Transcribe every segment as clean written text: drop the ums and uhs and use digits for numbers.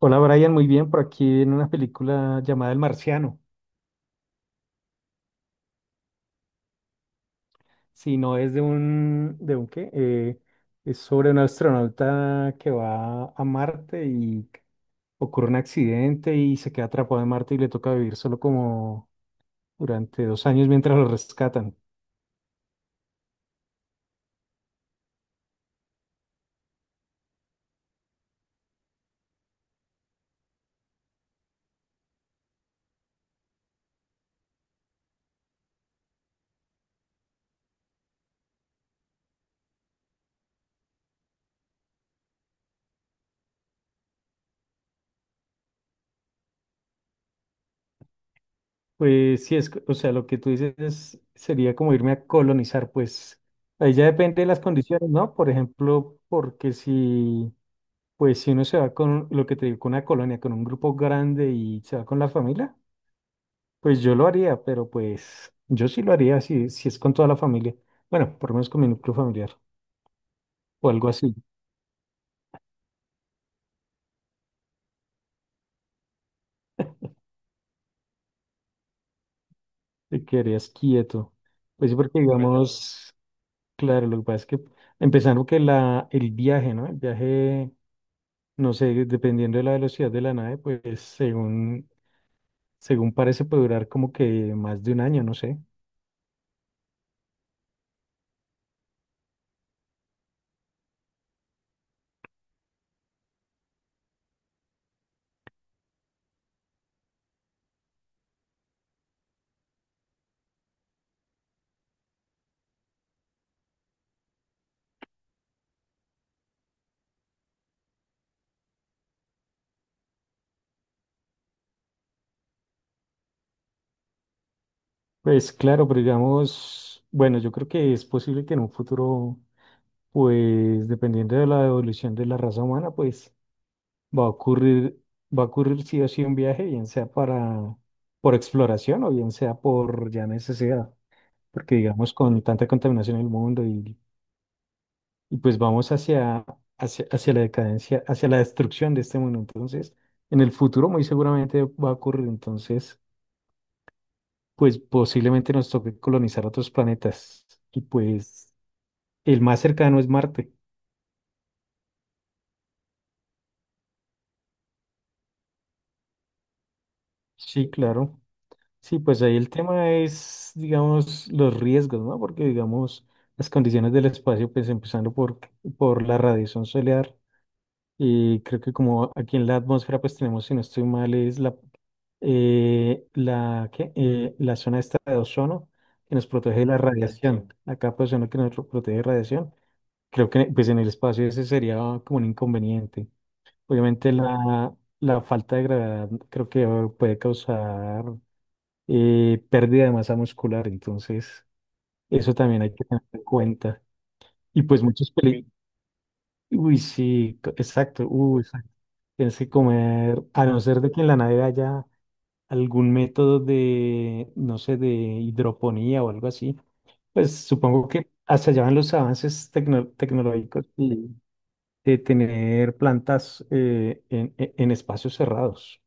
Hola Brian, muy bien, por aquí en una película llamada El Marciano. Si no es ¿de un qué? Es sobre un astronauta que va a Marte y ocurre un accidente y se queda atrapado en Marte y le toca vivir solo como durante dos años mientras lo rescatan. Pues sí, o sea, lo que tú dices es- sería como irme a colonizar, pues ahí ya depende de las condiciones, ¿no? Por ejemplo, porque si pues si uno se va con lo que te digo, con una colonia, con un grupo grande y se va con la familia, pues yo lo haría, pero pues yo sí lo haría si es con toda la familia. Bueno, por lo menos con mi núcleo familiar o algo así, te quedarías quieto. Pues sí, porque digamos, claro, lo que pasa es que empezando que el viaje, ¿no? El viaje, no sé, dependiendo de la velocidad de la nave, pues según parece puede durar como que más de un año, no sé. Pues claro, pero digamos, bueno, yo creo que es posible que en un futuro, pues dependiendo de la evolución de la raza humana, pues va a ocurrir, va a ocurrir sí o sí un viaje, bien sea por exploración o bien sea por ya necesidad, porque digamos con tanta contaminación en el mundo y pues vamos hacia la decadencia, hacia la destrucción de este mundo. Entonces, en el futuro muy seguramente va a ocurrir, entonces, pues posiblemente nos toque colonizar otros planetas y pues... El más cercano es Marte. Sí, claro. Sí, pues ahí el tema es, digamos, los riesgos, ¿no? Porque, digamos, las condiciones del espacio, pues empezando por la radiación solar, y creo que como aquí en la atmósfera, pues tenemos, si no estoy mal, ¿qué? La zona esta de ozono que nos protege de la radiación, la capa de ozono que nos protege de radiación. Creo que pues en el espacio ese sería como un inconveniente. Obviamente la, la falta de gravedad creo que puede causar pérdida de masa muscular, entonces eso también hay que tener en cuenta. Y pues muchos peligros. Uy, sí, exacto, uy, exacto. Tienes que comer, a no ser de que en la nave haya algún método de, no sé, de hidroponía o algo así, pues supongo que hasta allá van los avances tecnológicos y de tener plantas en en espacios cerrados.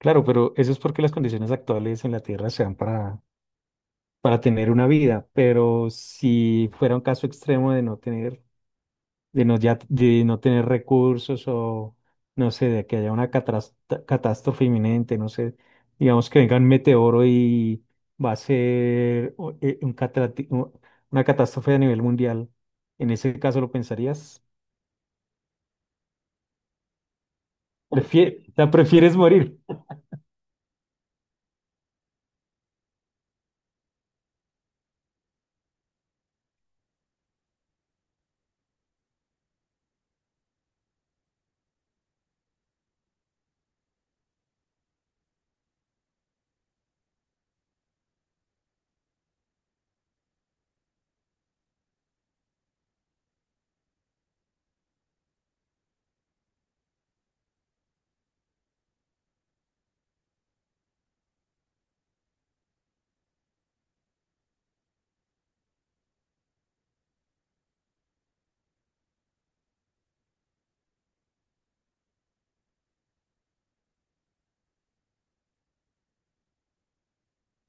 Claro, pero eso es porque las condiciones actuales en la Tierra se dan para tener una vida, pero si fuera un caso extremo de no tener, de no tener recursos o, no sé, de que haya una catástrofe inminente, no sé, digamos que venga un meteoro y va a ser un una catástrofe a nivel mundial, en ese caso lo pensarías, o sea, prefieres morir.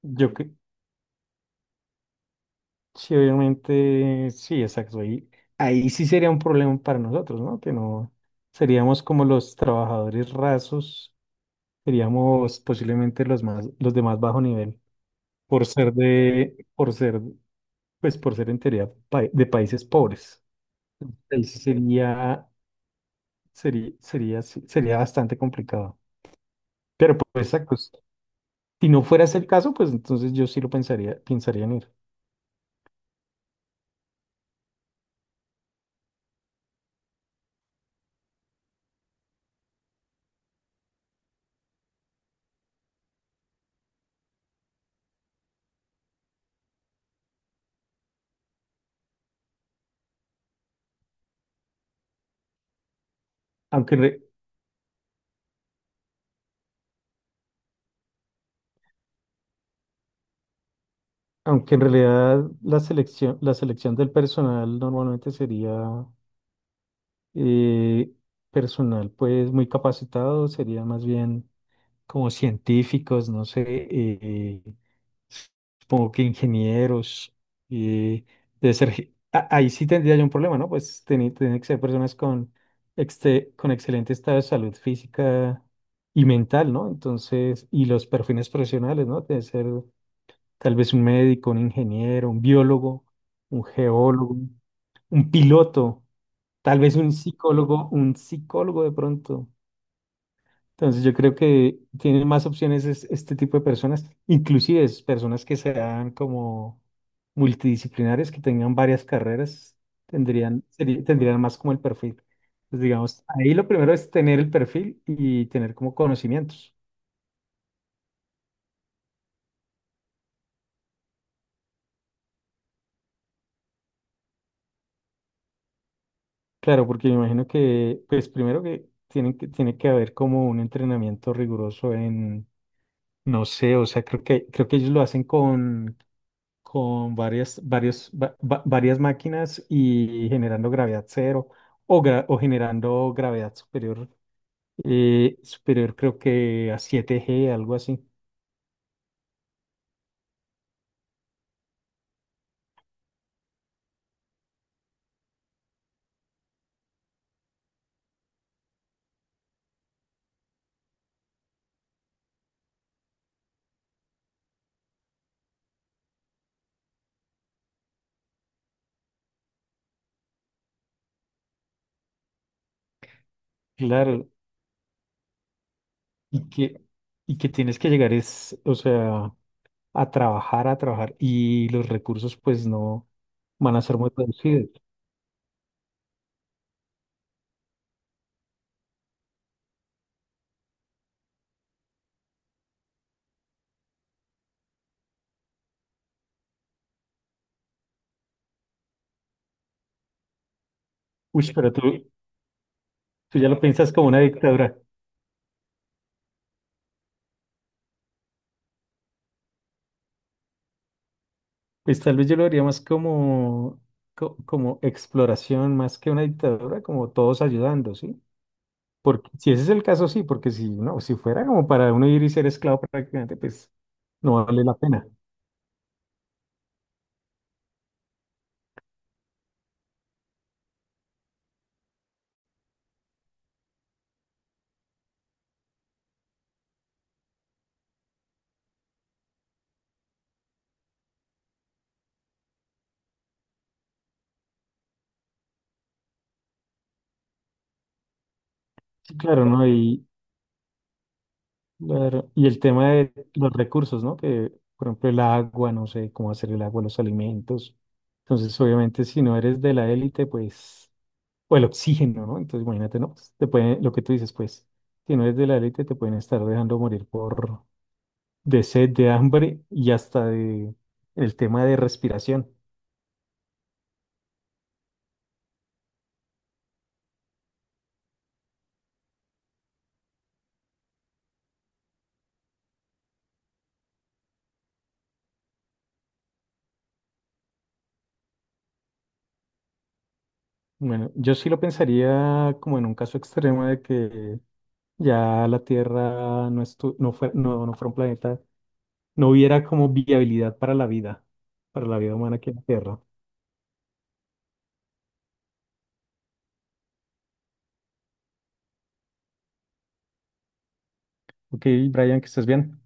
Yo, cre- Sí, obviamente, sí, exacto. Ahí sí sería un problema para nosotros, ¿no? Que no seríamos como los trabajadores rasos, seríamos posiblemente los de más bajo nivel, por ser, pues por ser en teoría de países pobres. Ahí sí sería, sí, sería bastante complicado. Pero pues exacto, si no fuera ese el caso, pues entonces yo sí lo pensaría, pensaría en ir. Aunque, re- Aunque en realidad la selección del personal normalmente sería eh, personal pues muy capacitado, sería más bien como científicos, no sé, eh, supongo que ingenieros, eh, debe ser ahí sí tendría yo un problema, ¿no? Pues tiene que ser personas con, con excelente estado de salud física y mental, ¿no? Entonces, y los perfiles profesionales, ¿no? Debe ser tal vez un médico, un ingeniero, un biólogo, un geólogo, un piloto, tal vez un psicólogo de pronto. Entonces yo creo que tienen más opciones este tipo de personas, inclusive es personas que sean como multidisciplinares, que tengan varias carreras, tendrían más como el perfil. Pues digamos, ahí lo primero es tener el perfil y tener como conocimientos. Claro, porque me imagino que, pues primero que tiene que haber como un entrenamiento riguroso en, no sé, o sea, creo que ellos lo hacen con varias, varios, va- va- varias máquinas y generando gravedad cero o generando gravedad superior, superior creo que a 7G, algo así. Claro, y que, y que tienes que llegar es, o sea, a trabajar y los recursos pues no van a ser muy reducidos. Uy, pero tú tú ya lo piensas como una dictadura. Pues tal vez yo lo haría más como, como exploración, más que una dictadura, como todos ayudando, ¿sí? Porque si ese es el caso, sí, porque si no, si fuera como para uno ir y ser esclavo prácticamente, pues no vale la pena. Sí, claro, ¿no? Claro, y el tema de los recursos, ¿no? Que, por ejemplo, el agua, no sé cómo hacer el agua, los alimentos. Entonces, obviamente, si no eres de la élite, pues. O el oxígeno, ¿no? Entonces, imagínate, ¿no? Pues, te pueden, lo que tú dices, pues, si no eres de la élite, te pueden estar dejando morir por de sed, de hambre y hasta de el tema de respiración. Bueno, yo sí lo pensaría como en un caso extremo de que ya la Tierra no fuera un planeta, no hubiera como viabilidad para la vida humana aquí en la Tierra. Ok, Brian, que estés bien.